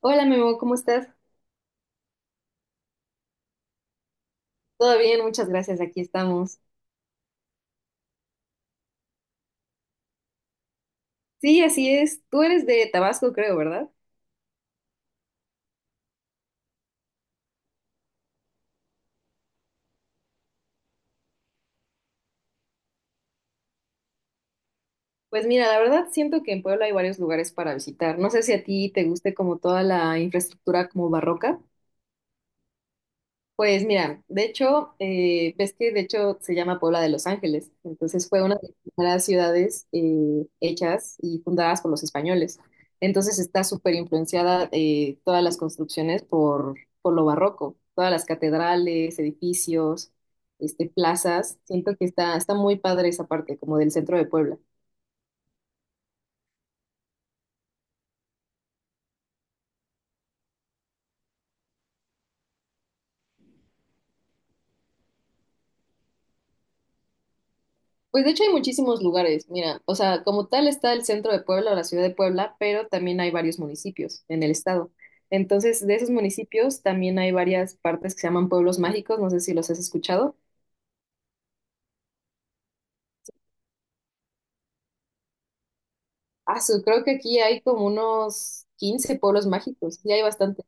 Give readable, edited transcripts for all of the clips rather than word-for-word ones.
Hola Memo, ¿cómo estás? Todo bien, muchas gracias, aquí estamos. Sí, así es. Tú eres de Tabasco, creo, ¿verdad? Pues mira, la verdad siento que en Puebla hay varios lugares para visitar. No sé si a ti te guste como toda la infraestructura como barroca. Pues mira, de hecho, ves que de hecho se llama Puebla de Los Ángeles, entonces fue una de las primeras ciudades hechas y fundadas por los españoles. Entonces está súper influenciada todas las construcciones por lo barroco, todas las catedrales, edificios, plazas. Siento que está muy padre esa parte, como del centro de Puebla. Pues de hecho hay muchísimos lugares, mira, o sea, como tal está el centro de Puebla o la ciudad de Puebla, pero también hay varios municipios en el estado. Entonces, de esos municipios también hay varias partes que se llaman pueblos mágicos, no sé si los has escuchado. Ah, creo que aquí hay como unos 15 pueblos mágicos, y hay bastantes.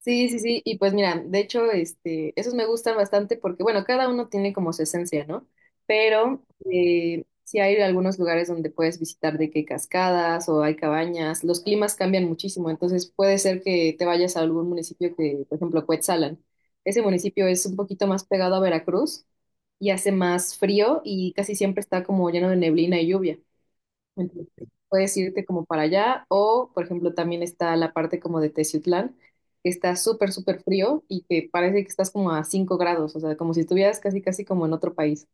Sí, sí, sí, y pues mira, de hecho, esos me gustan bastante porque, bueno, cada uno tiene como su esencia, ¿no? Pero sí hay algunos lugares donde puedes visitar de que cascadas o hay cabañas, los climas cambian muchísimo, entonces puede ser que te vayas a algún municipio que, por ejemplo, Cuetzalan. Ese municipio es un poquito más pegado a Veracruz y hace más frío y casi siempre está como lleno de neblina y lluvia. Entonces, puedes irte como para allá o, por ejemplo, también está la parte como de Teciutlán, que está súper, súper frío y que parece que estás como a 5 grados, o sea, como si estuvieras casi, casi como en otro país.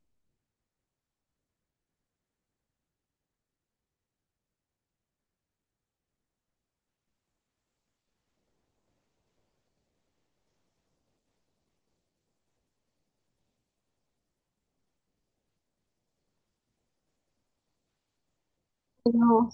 No.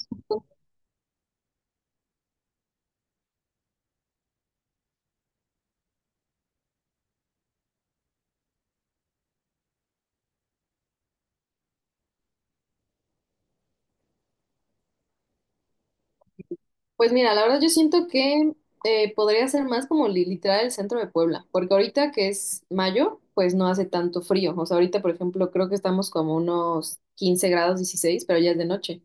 Pues mira, la verdad yo siento que podría ser más como literal el centro de Puebla, porque ahorita que es mayo, pues no hace tanto frío. O sea, ahorita, por ejemplo, creo que estamos como unos 15 grados 16, pero ya es de noche.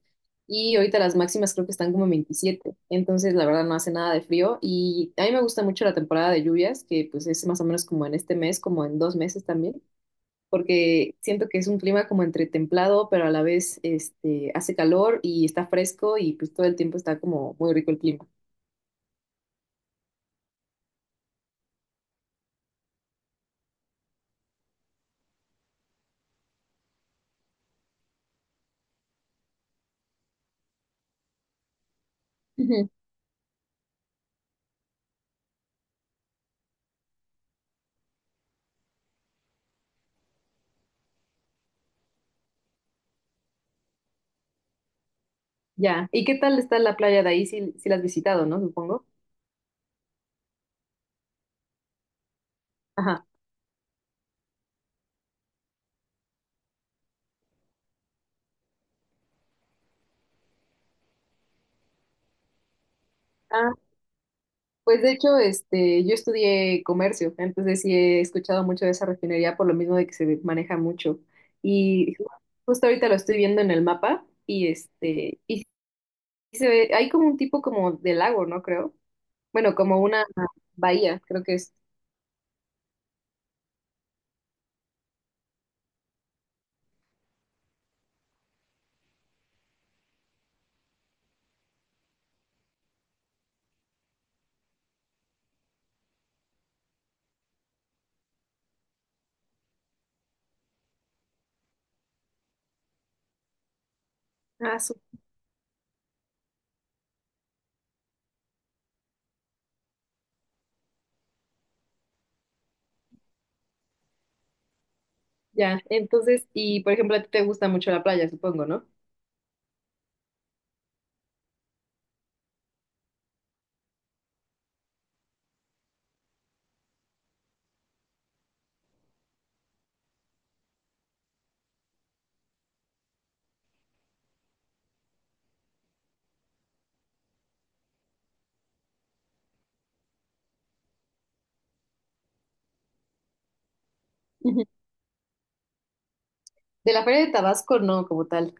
Y ahorita las máximas creo que están como en 27. Entonces, la verdad no hace nada de frío. Y a mí me gusta mucho la temporada de lluvias, que pues es más o menos como en este mes, como en 2 meses también, porque siento que es un clima como entre templado, pero a la vez hace calor y está fresco y pues todo el tiempo está como muy rico el clima. Ujú. Ya. ¿Y qué tal está la playa de ahí? Si la has visitado, ¿no? Supongo. Ajá. Ah, pues de hecho, yo estudié comercio, entonces sí he escuchado mucho de esa refinería por lo mismo de que se maneja mucho. Y justo ahorita lo estoy viendo en el mapa y y sí se ve, hay como un tipo como de lago, ¿no? Creo. Bueno, como una bahía, creo que es. Ah, ya. Entonces, y por ejemplo, a ti te gusta mucho la playa, supongo, ¿no? Ujú. De la Feria de Tabasco, no, como tal.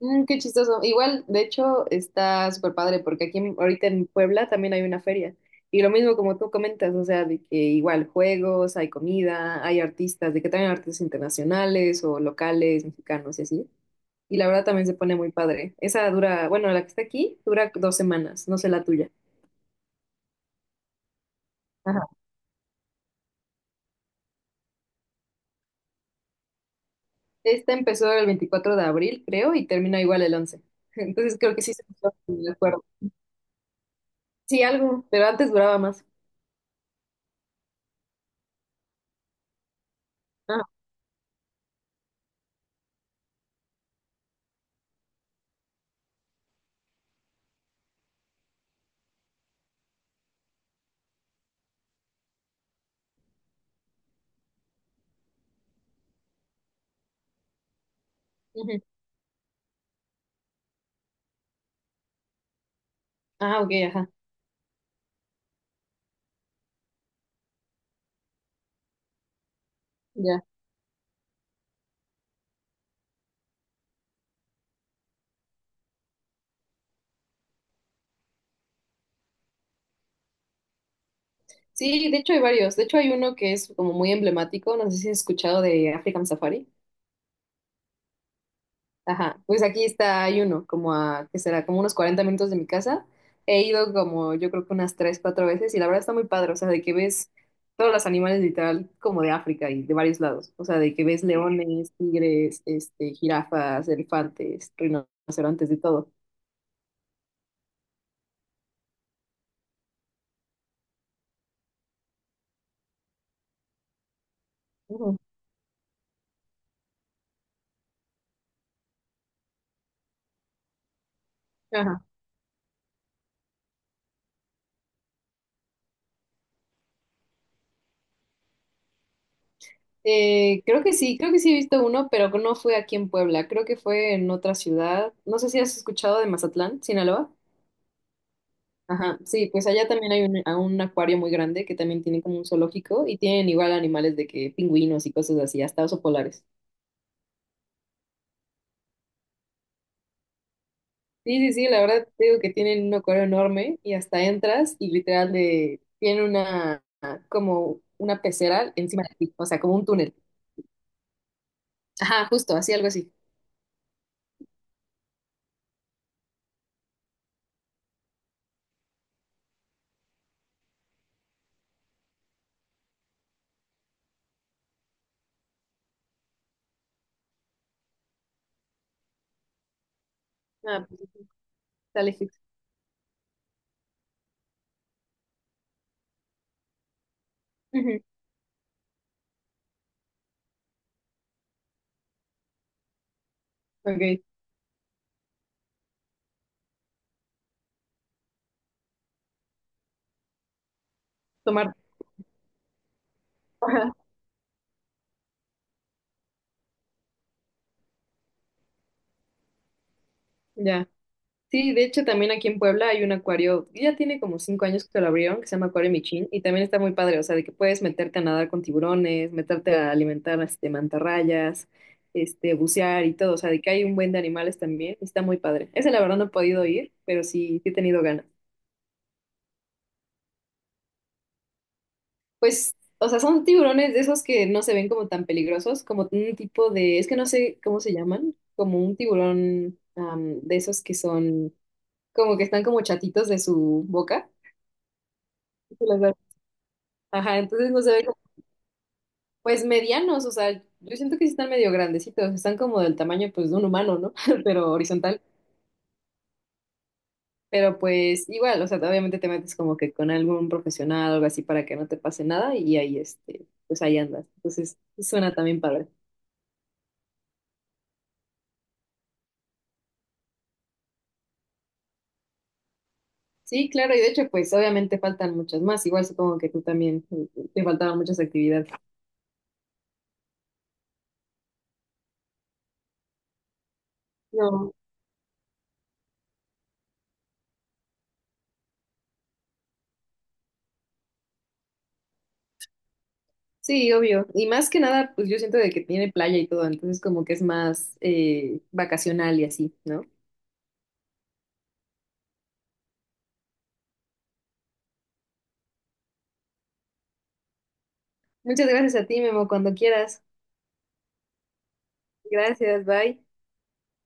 Mm, qué chistoso. Igual, de hecho, está súper padre porque aquí ahorita en Puebla también hay una feria. Y lo mismo como tú comentas, o sea, de que igual juegos, hay comida, hay artistas, de que también artistas internacionales o locales, mexicanos y así. Y la verdad también se pone muy padre. Esa dura, bueno, la que está aquí dura 2 semanas, no sé la tuya. Ajá. Esta empezó el 24 de abril, creo, y termina igual el 11. Entonces creo que sí se empezó, me acuerdo. Sí, algo, pero antes duraba más. Ah, ujú. Ah, ok, ajá. Ya. Sí, de hecho hay varios. De hecho hay uno que es como muy emblemático, no sé si has escuchado de African Safari. Ajá, pues aquí está, hay uno como a, que será como unos 40 minutos de mi casa. He ido como yo creo que unas tres, cuatro veces y la verdad está muy padre, o sea, de que ves todos los animales literal como de África y de varios lados, o sea, de que ves leones, tigres, jirafas, elefantes, rinocerontes, de todo. Ujú. Ajá. Creo que sí he visto uno, pero no fue aquí en Puebla, creo que fue en otra ciudad. No sé si has escuchado de Mazatlán, Sinaloa. Ajá, sí, pues allá también hay un, a un acuario muy grande que también tiene como un zoológico y tienen igual animales de que pingüinos y cosas así, hasta osos polares. Sí, sí, sí, la verdad te digo que tienen un acuario enorme y hasta entras y literal de, tiene una como una pecera encima de ti, o sea, como un túnel. Ajá, justo, así algo así. Ah, pues está legítimo. Ujú. Ok, tomar. Ajá, ya. Sí, de hecho también aquí en Puebla hay un acuario, ya tiene como 5 años que lo abrieron, que se llama Acuario Michin, y también está muy padre, o sea, de que puedes meterte a nadar con tiburones, meterte a alimentar mantarrayas, bucear y todo, o sea, de que hay un buen de animales también, y está muy padre. Ese la verdad no he podido ir, pero sí, sí he tenido ganas. Pues, o sea, son tiburones de esos que no se ven como tan peligrosos, como un tipo de, es que no sé cómo se llaman, como un tiburón de esos que son, como que están como chatitos de su boca. Ajá, entonces no se ve como, pues medianos, o sea, yo siento que sí están medio grandecitos, están como del tamaño pues de un humano, ¿no? Pero horizontal, pero pues igual, o sea, obviamente te metes como que con algún profesional o algo así para que no te pase nada y ahí pues ahí andas. Entonces, sí suena también padre. Sí, claro, y de hecho pues obviamente faltan muchas más, igual supongo que tú también te faltaban muchas actividades. No, sí, obvio. Y más que nada, pues yo siento de que tiene playa y todo, entonces como que es más vacacional y así, ¿no? Muchas gracias a ti, Memo, cuando quieras. Gracias, bye.